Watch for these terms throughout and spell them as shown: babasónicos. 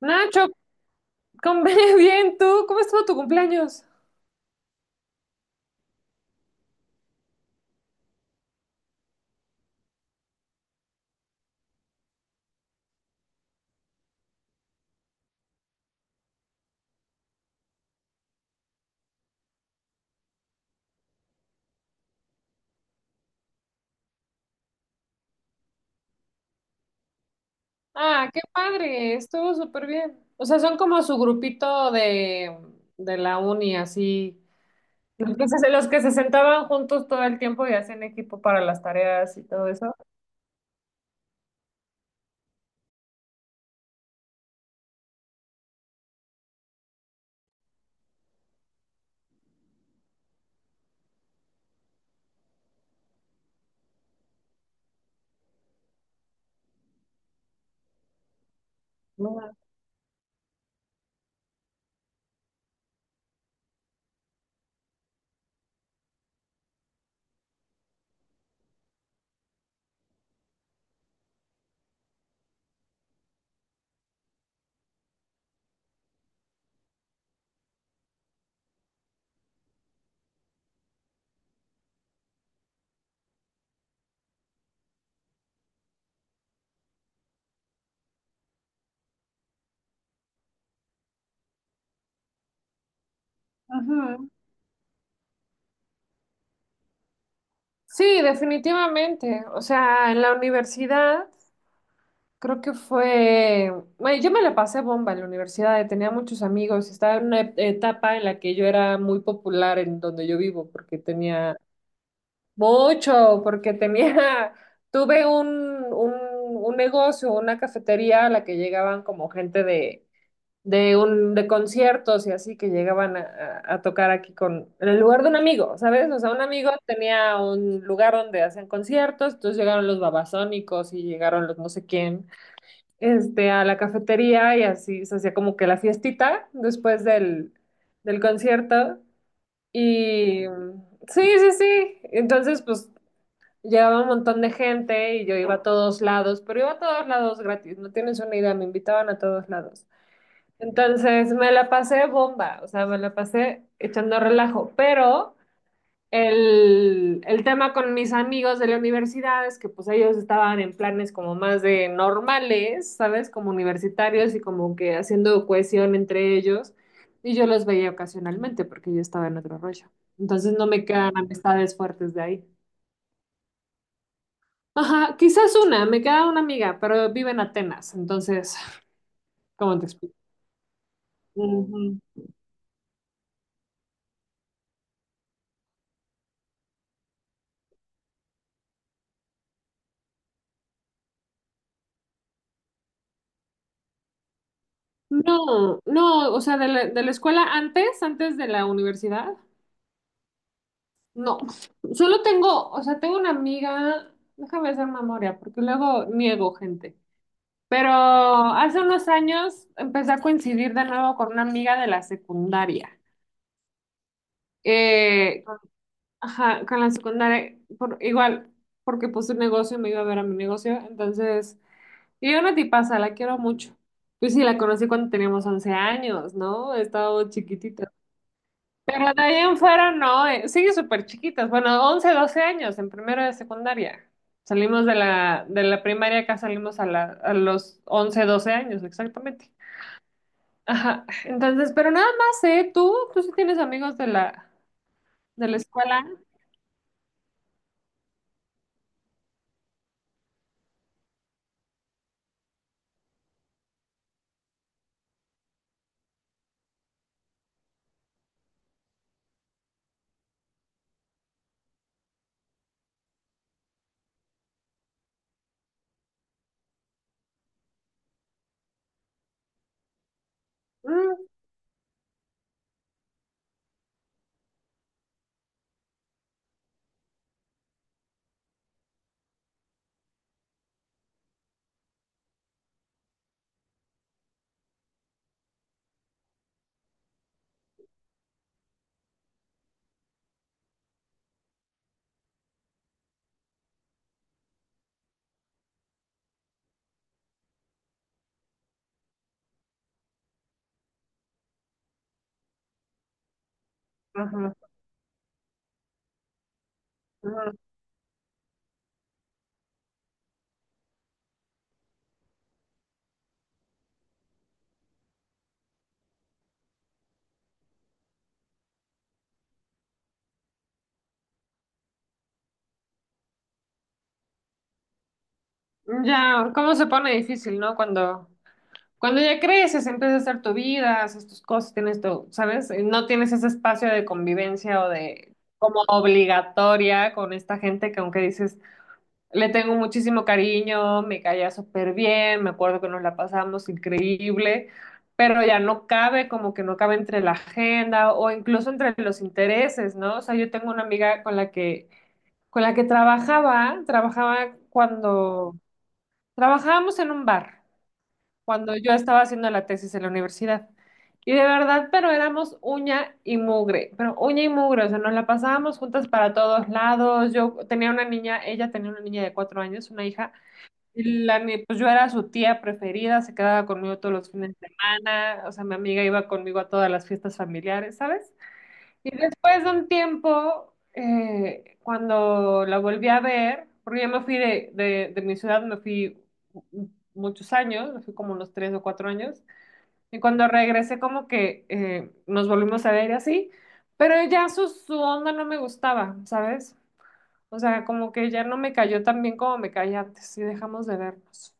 Nacho, con- bien, ¿tú? ¿Cómo estuvo tu cumpleaños? Ah, qué padre, estuvo súper bien. O sea, son como su grupito de la uni, así. Los que se sentaban juntos todo el tiempo y hacían equipo para las tareas y todo eso. Ajá. Ajá. Sí, definitivamente. O sea, en la universidad creo que fue. Bueno, yo me la pasé bomba en la universidad, tenía muchos amigos, estaba en una etapa en la que yo era muy popular en donde yo vivo, porque tenía mucho, porque tenía, tuve un, un negocio, una cafetería a la que llegaban como gente de conciertos y así que llegaban a tocar aquí en el lugar de un amigo, ¿sabes? O sea, un amigo tenía un lugar donde hacían conciertos, entonces llegaron los babasónicos y llegaron los no sé quién, este, a la cafetería y así se hacía como que la fiestita después del concierto. Y sí, sí, sí. Entonces, pues llegaba un montón de gente y yo iba a todos lados, pero iba a todos lados gratis, no tienes una idea, me invitaban a todos lados. Entonces me la pasé bomba, o sea, me la pasé echando relajo, pero el tema con mis amigos de la universidad es que pues ellos estaban en planes como más de normales, ¿sabes? Como universitarios y como que haciendo cohesión entre ellos, y yo los veía ocasionalmente porque yo estaba en otro rollo. Entonces no me quedan amistades fuertes de ahí. Ajá, quizás una, me queda una amiga, pero vive en Atenas, entonces, ¿cómo te explico? Ujú. No, no, o sea, de la escuela antes, antes de la universidad, no. Solo tengo, o sea, tengo una amiga, déjame hacer memoria, porque luego niego gente. Pero hace unos años empecé a coincidir de nuevo con una amiga de la secundaria. Eh, ajá, con la secundaria, por, igual, porque puse un negocio, me iba a ver a mi negocio, entonces. Y yo una tipaza, la quiero mucho. Yo sí la conocí cuando teníamos 11 años, ¿no? Estaba chiquitita. Pero de ahí en fuera no, sigue súper chiquitas. Bueno, 11, 12 años en primero de secundaria. Salimos de la primaria, acá salimos a los 11, 12 años, exactamente. Ajá, entonces, pero nada más, ¿eh? ¿Tú? ¿Tú sí tienes amigos de la escuela? Mm, ajá, ajá. Ya, ¿cómo se pone difícil, ¿no? Cuando, ya creces, empiezas a hacer tu vida, haces tus cosas, tienes tu, ¿sabes? No tienes ese espacio de convivencia o de como obligatoria con esta gente que aunque dices, le tengo muchísimo cariño, me caía súper bien, me acuerdo que nos la pasamos increíble, pero ya no cabe, como que no cabe entre la agenda o incluso entre los intereses, ¿no? O sea, yo tengo una amiga con la que trabajaba cuando trabajábamos en un bar cuando yo estaba haciendo la tesis en la universidad. Y de verdad, pero éramos uña y mugre, pero uña y mugre, o sea, nos la pasábamos juntas para todos lados. Yo tenía una niña, ella tenía una niña de 4 años, una hija, y la, pues yo era su tía preferida, se quedaba conmigo todos los fines de semana, o sea, mi amiga iba conmigo a todas las fiestas familiares, ¿sabes? Y después de un tiempo, cuando la volví a ver, porque yo me fui de mi ciudad, me fui mu- muchos años, me fui como unos 3 o 4 años, y cuando regresé como que nos volvimos a ver y así, pero ya su onda no me gustaba, ¿sabes? O sea, como que ya no me cayó tan bien como me caía antes y dejamos de vernos.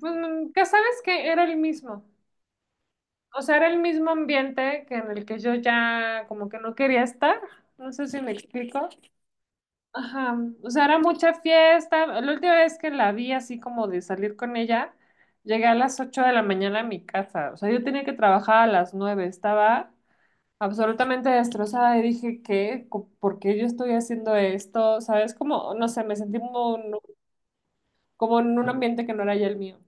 Pues, ya sabes que era el mismo. O sea, era el mismo ambiente que en el que yo ya como que no quería estar. No sé si me explico. Ajá. O sea, era mucha fiesta. La última vez que la vi así como de salir con ella, llegué a las 8 de la mañana a mi casa. O sea, yo tenía que trabajar a las 9. Estaba absolutamente destrozada y dije, ¿qué? ¿Por qué yo estoy haciendo esto? ¿Sabes? Como, no sé, me sentí como, como en un ambiente que no era ya el mío.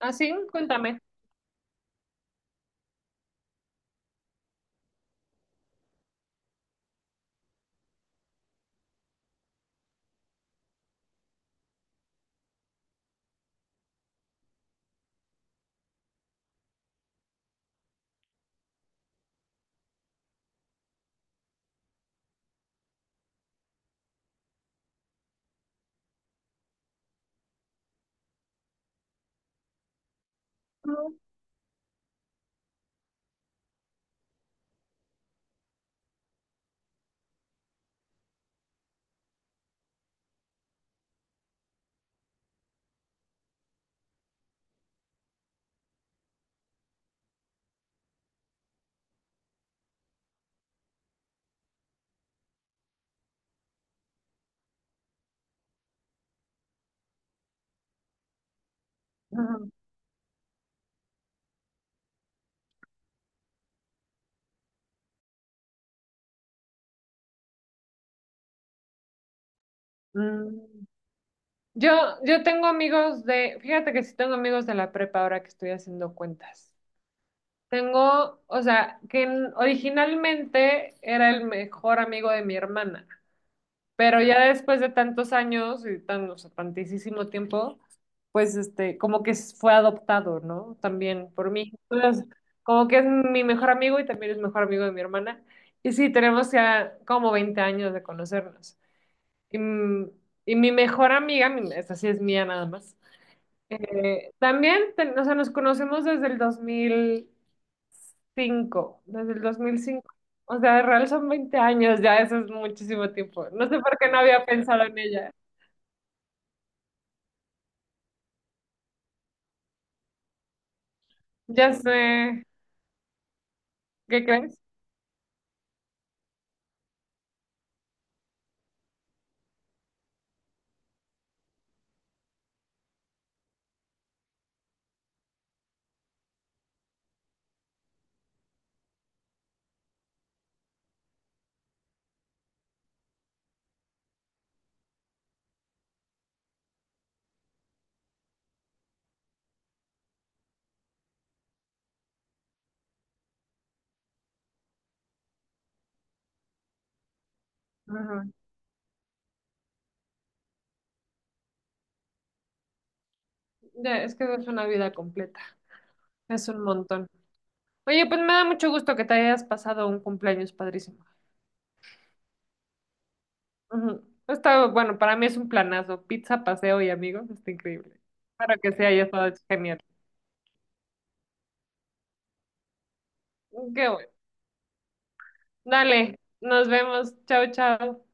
¿Ah, sí? Cuéntame. Ujú. Ujú. Mm. Yo, yo tengo amigos de, fíjate que sí tengo amigos de la prepa ahora que estoy haciendo cuentas. Tengo, o sea, que originalmente era el mejor amigo de mi hermana, pero ya después de tantos años y tan, o sea, tantísimo tiempo, pues este, como que fue adoptado, ¿no? También por mí. Entonces, como que es mi mejor amigo y también es mejor amigo de mi hermana. Y sí, tenemos ya como 20 años de conocernos. Y, mm, y mi mejor amiga, esta sí es mía nada más. También, o sea, nos conocemos desde el 2005, desde el 2005. O sea, de real son 20 años, ya eso es muchísimo tiempo. No sé por qué no había pensado en ella. Ya sé, ¿qué crees? Ajá. Ya, es que es una vida completa, es un montón. Oye, pues me da mucho gusto que te hayas pasado un cumpleaños padrísimo. Ujú. Está, bueno, para mí es un planazo. Pizza, paseo y amigos, está increíble. Para que sea, haya estado genial. Qué bueno. Dale, nos vemos. Chao, chao.